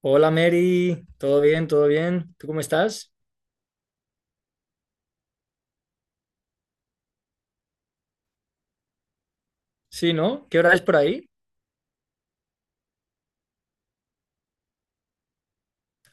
Hola Mary, ¿todo bien? ¿Todo bien? ¿Tú cómo estás? Sí, ¿no? ¿Qué hora es por ahí?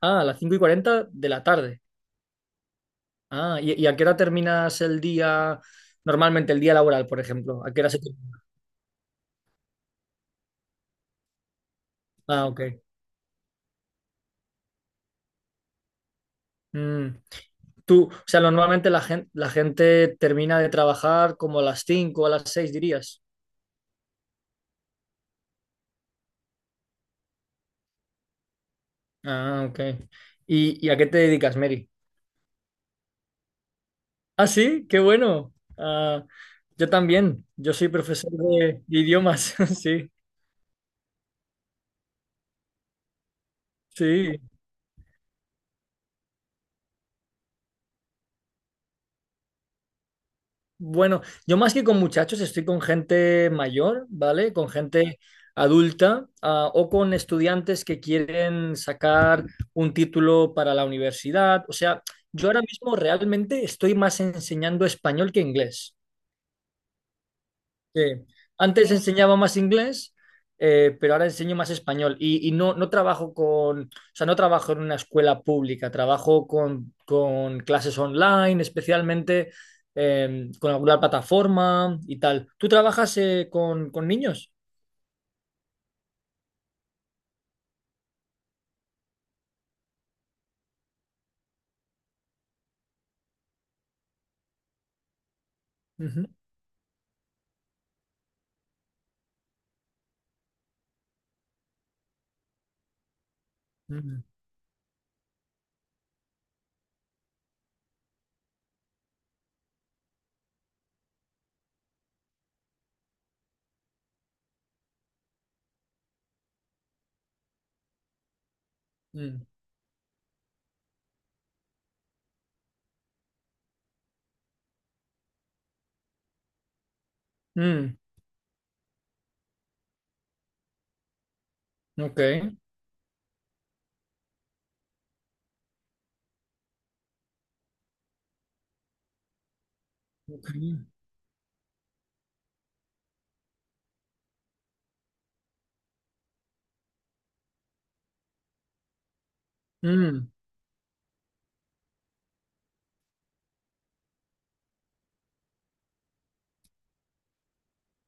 Ah, a las 5 y 40 de la tarde. ¿Y a qué hora terminas el día, normalmente el día laboral, por ejemplo? ¿A qué hora se termina? Ah, ok. Mm. Tú, o sea, normalmente la gente termina de trabajar como a las cinco o a las seis, dirías. Ah, ok. ¿Y a qué te dedicas, Mary? Ah, sí, qué bueno. Ah, yo también, yo soy profesor de idiomas, sí. Sí, bueno, yo más que con muchachos estoy con gente mayor, ¿vale? Con gente adulta, o con estudiantes que quieren sacar un título para la universidad. O sea, yo ahora mismo realmente estoy más enseñando español que inglés. Sí. Antes enseñaba más inglés, pero ahora enseño más español. Y no trabajo con, o sea, no trabajo en una escuela pública, trabajo con clases online, especialmente con alguna plataforma y tal. ¿Tú trabajas con niños? Ujú. Mm, mm, mm. Ok, ok. Mm.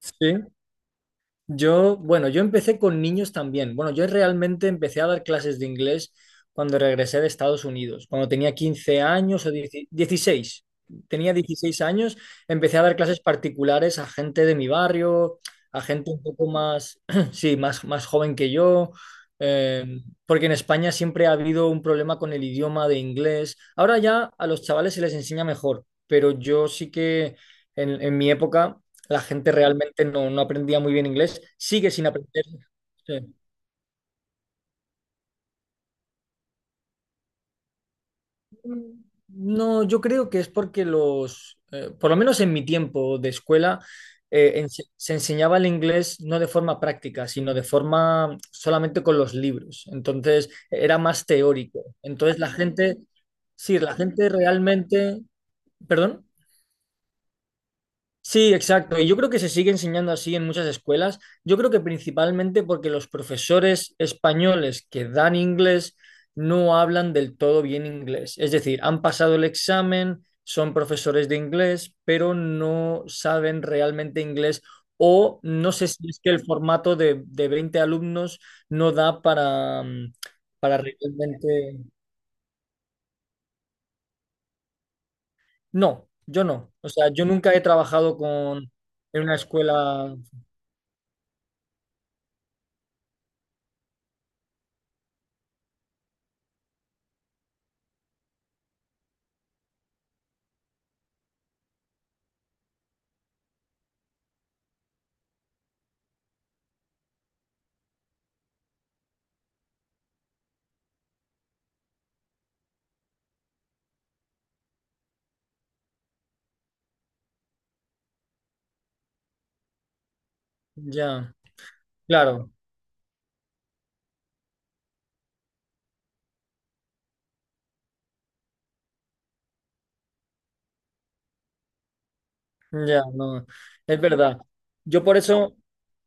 Sí. Yo, bueno, yo empecé con niños también. Bueno, yo realmente empecé a dar clases de inglés cuando regresé de Estados Unidos, cuando tenía 15 años o 10 16. Tenía 16 años, empecé a dar clases particulares a gente de mi barrio, a gente un poco más, sí, más, más joven que yo, eh, porque en España siempre ha habido un problema con el idioma de inglés. Ahora ya a los chavales se les enseña mejor, pero yo sí que en mi época la gente realmente no, no aprendía muy bien inglés, sigue sin aprender. Sí. No, yo creo que es porque los, por lo menos en mi tiempo de escuela, se enseñaba el inglés no de forma práctica, sino de forma solamente con los libros. Entonces era más teórico. Entonces la gente, sí, la gente realmente, perdón. Sí, exacto. Y yo creo que se sigue enseñando así en muchas escuelas. Yo creo que principalmente porque los profesores españoles que dan inglés no hablan del todo bien inglés. Es decir, han pasado el examen, son profesores de inglés, pero no saben realmente inglés o no sé si es que el formato de 20 alumnos no da para, para realmente... No, yo no. O sea, yo nunca he trabajado con, en una escuela ya. Claro, ya, no, es verdad. Yo por eso,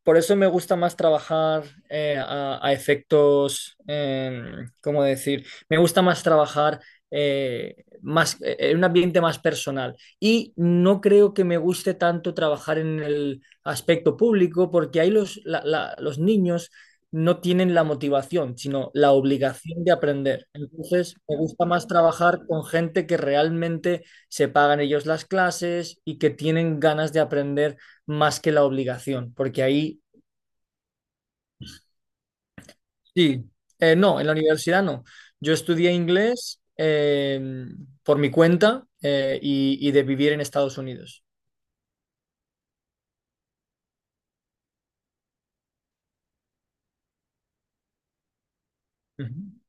por eso me gusta más trabajar a efectos, ¿cómo decir? Me gusta más trabajar eh, en un ambiente más personal. Y no creo que me guste tanto trabajar en el aspecto público, porque ahí los, los niños no tienen la motivación, sino la obligación de aprender. Entonces, me gusta más trabajar con gente que realmente se pagan ellos las clases y que tienen ganas de aprender más que la obligación, porque ahí sí, no, en la universidad no. Yo estudié inglés por mi cuenta y de vivir en Estados Unidos. Ujú.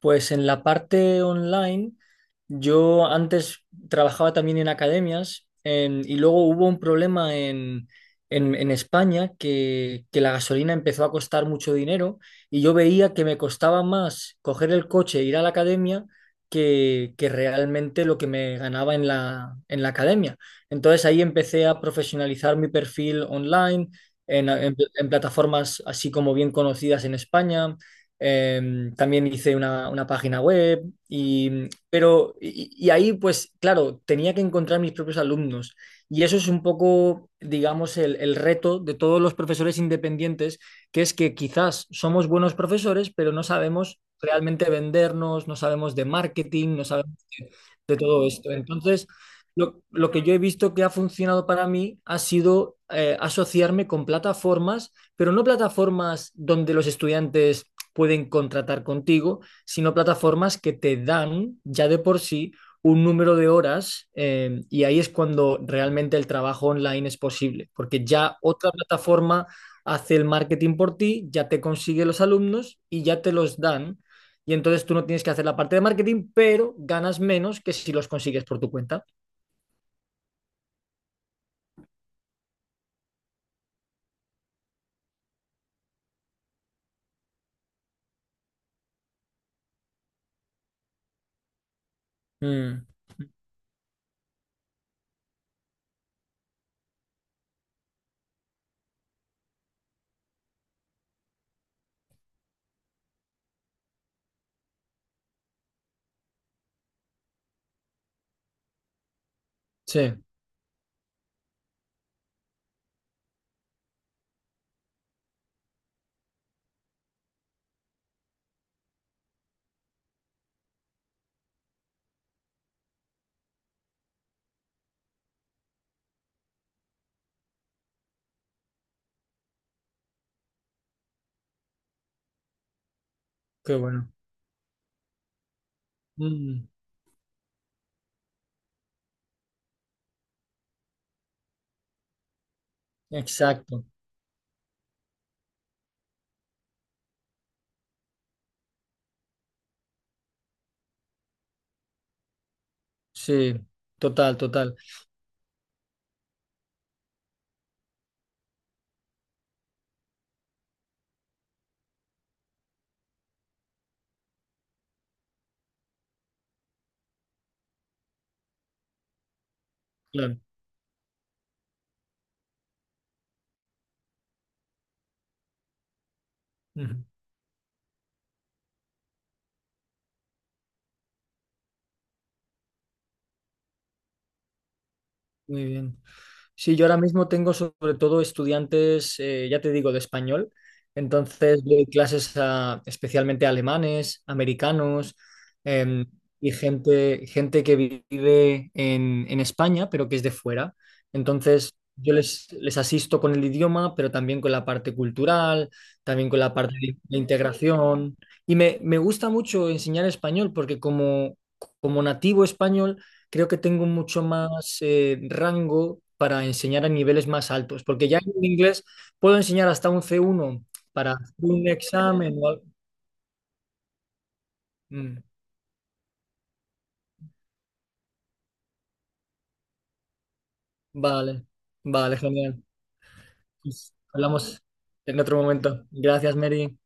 Pues en la parte online, yo antes trabajaba también en academias y luego hubo un problema en, en España que la gasolina empezó a costar mucho dinero y yo veía que me costaba más coger el coche e ir a la academia que realmente lo que me ganaba en la academia. Entonces ahí empecé a profesionalizar mi perfil online en en plataformas así como bien conocidas en España, también hice una página web y, pero, y ahí pues claro, tenía que encontrar mis propios alumnos y eso es un poco, digamos, el reto de todos los profesores independientes, que es que quizás somos buenos profesores, pero no sabemos realmente vendernos, no sabemos de marketing, no sabemos de, de todo esto. Entonces, lo que yo he visto que ha funcionado para mí ha sido asociarme con plataformas, pero no plataformas donde los estudiantes pueden contratar contigo, sino plataformas que te dan ya de por sí un número de horas, y ahí es cuando realmente el trabajo online es posible, porque ya otra plataforma hace el marketing por ti, ya te consigue los alumnos y ya te los dan y entonces tú no tienes que hacer la parte de marketing, pero ganas menos que si los consigues por tu cuenta. Mm, sí, qué bueno. Mm, exacto, sí, total, total, claro. Ujú. Muy bien. Sí, yo ahora mismo tengo sobre todo estudiantes, ya te digo, de español. Entonces doy clases a especialmente a alemanes, americanos, em, y gente, gente que vive en España, pero que es de fuera. Entonces yo les, les asisto con el idioma, pero también con la parte cultural, también con la parte de integración. Y me gusta mucho enseñar español porque como, como nativo español creo que tengo mucho más, rango para enseñar a niveles más altos, porque ya en inglés puedo enseñar hasta un C1 para hacer un examen. O al- mm, vale, vale, genial. Pues hablamos en otro momento. Gracias, Mary.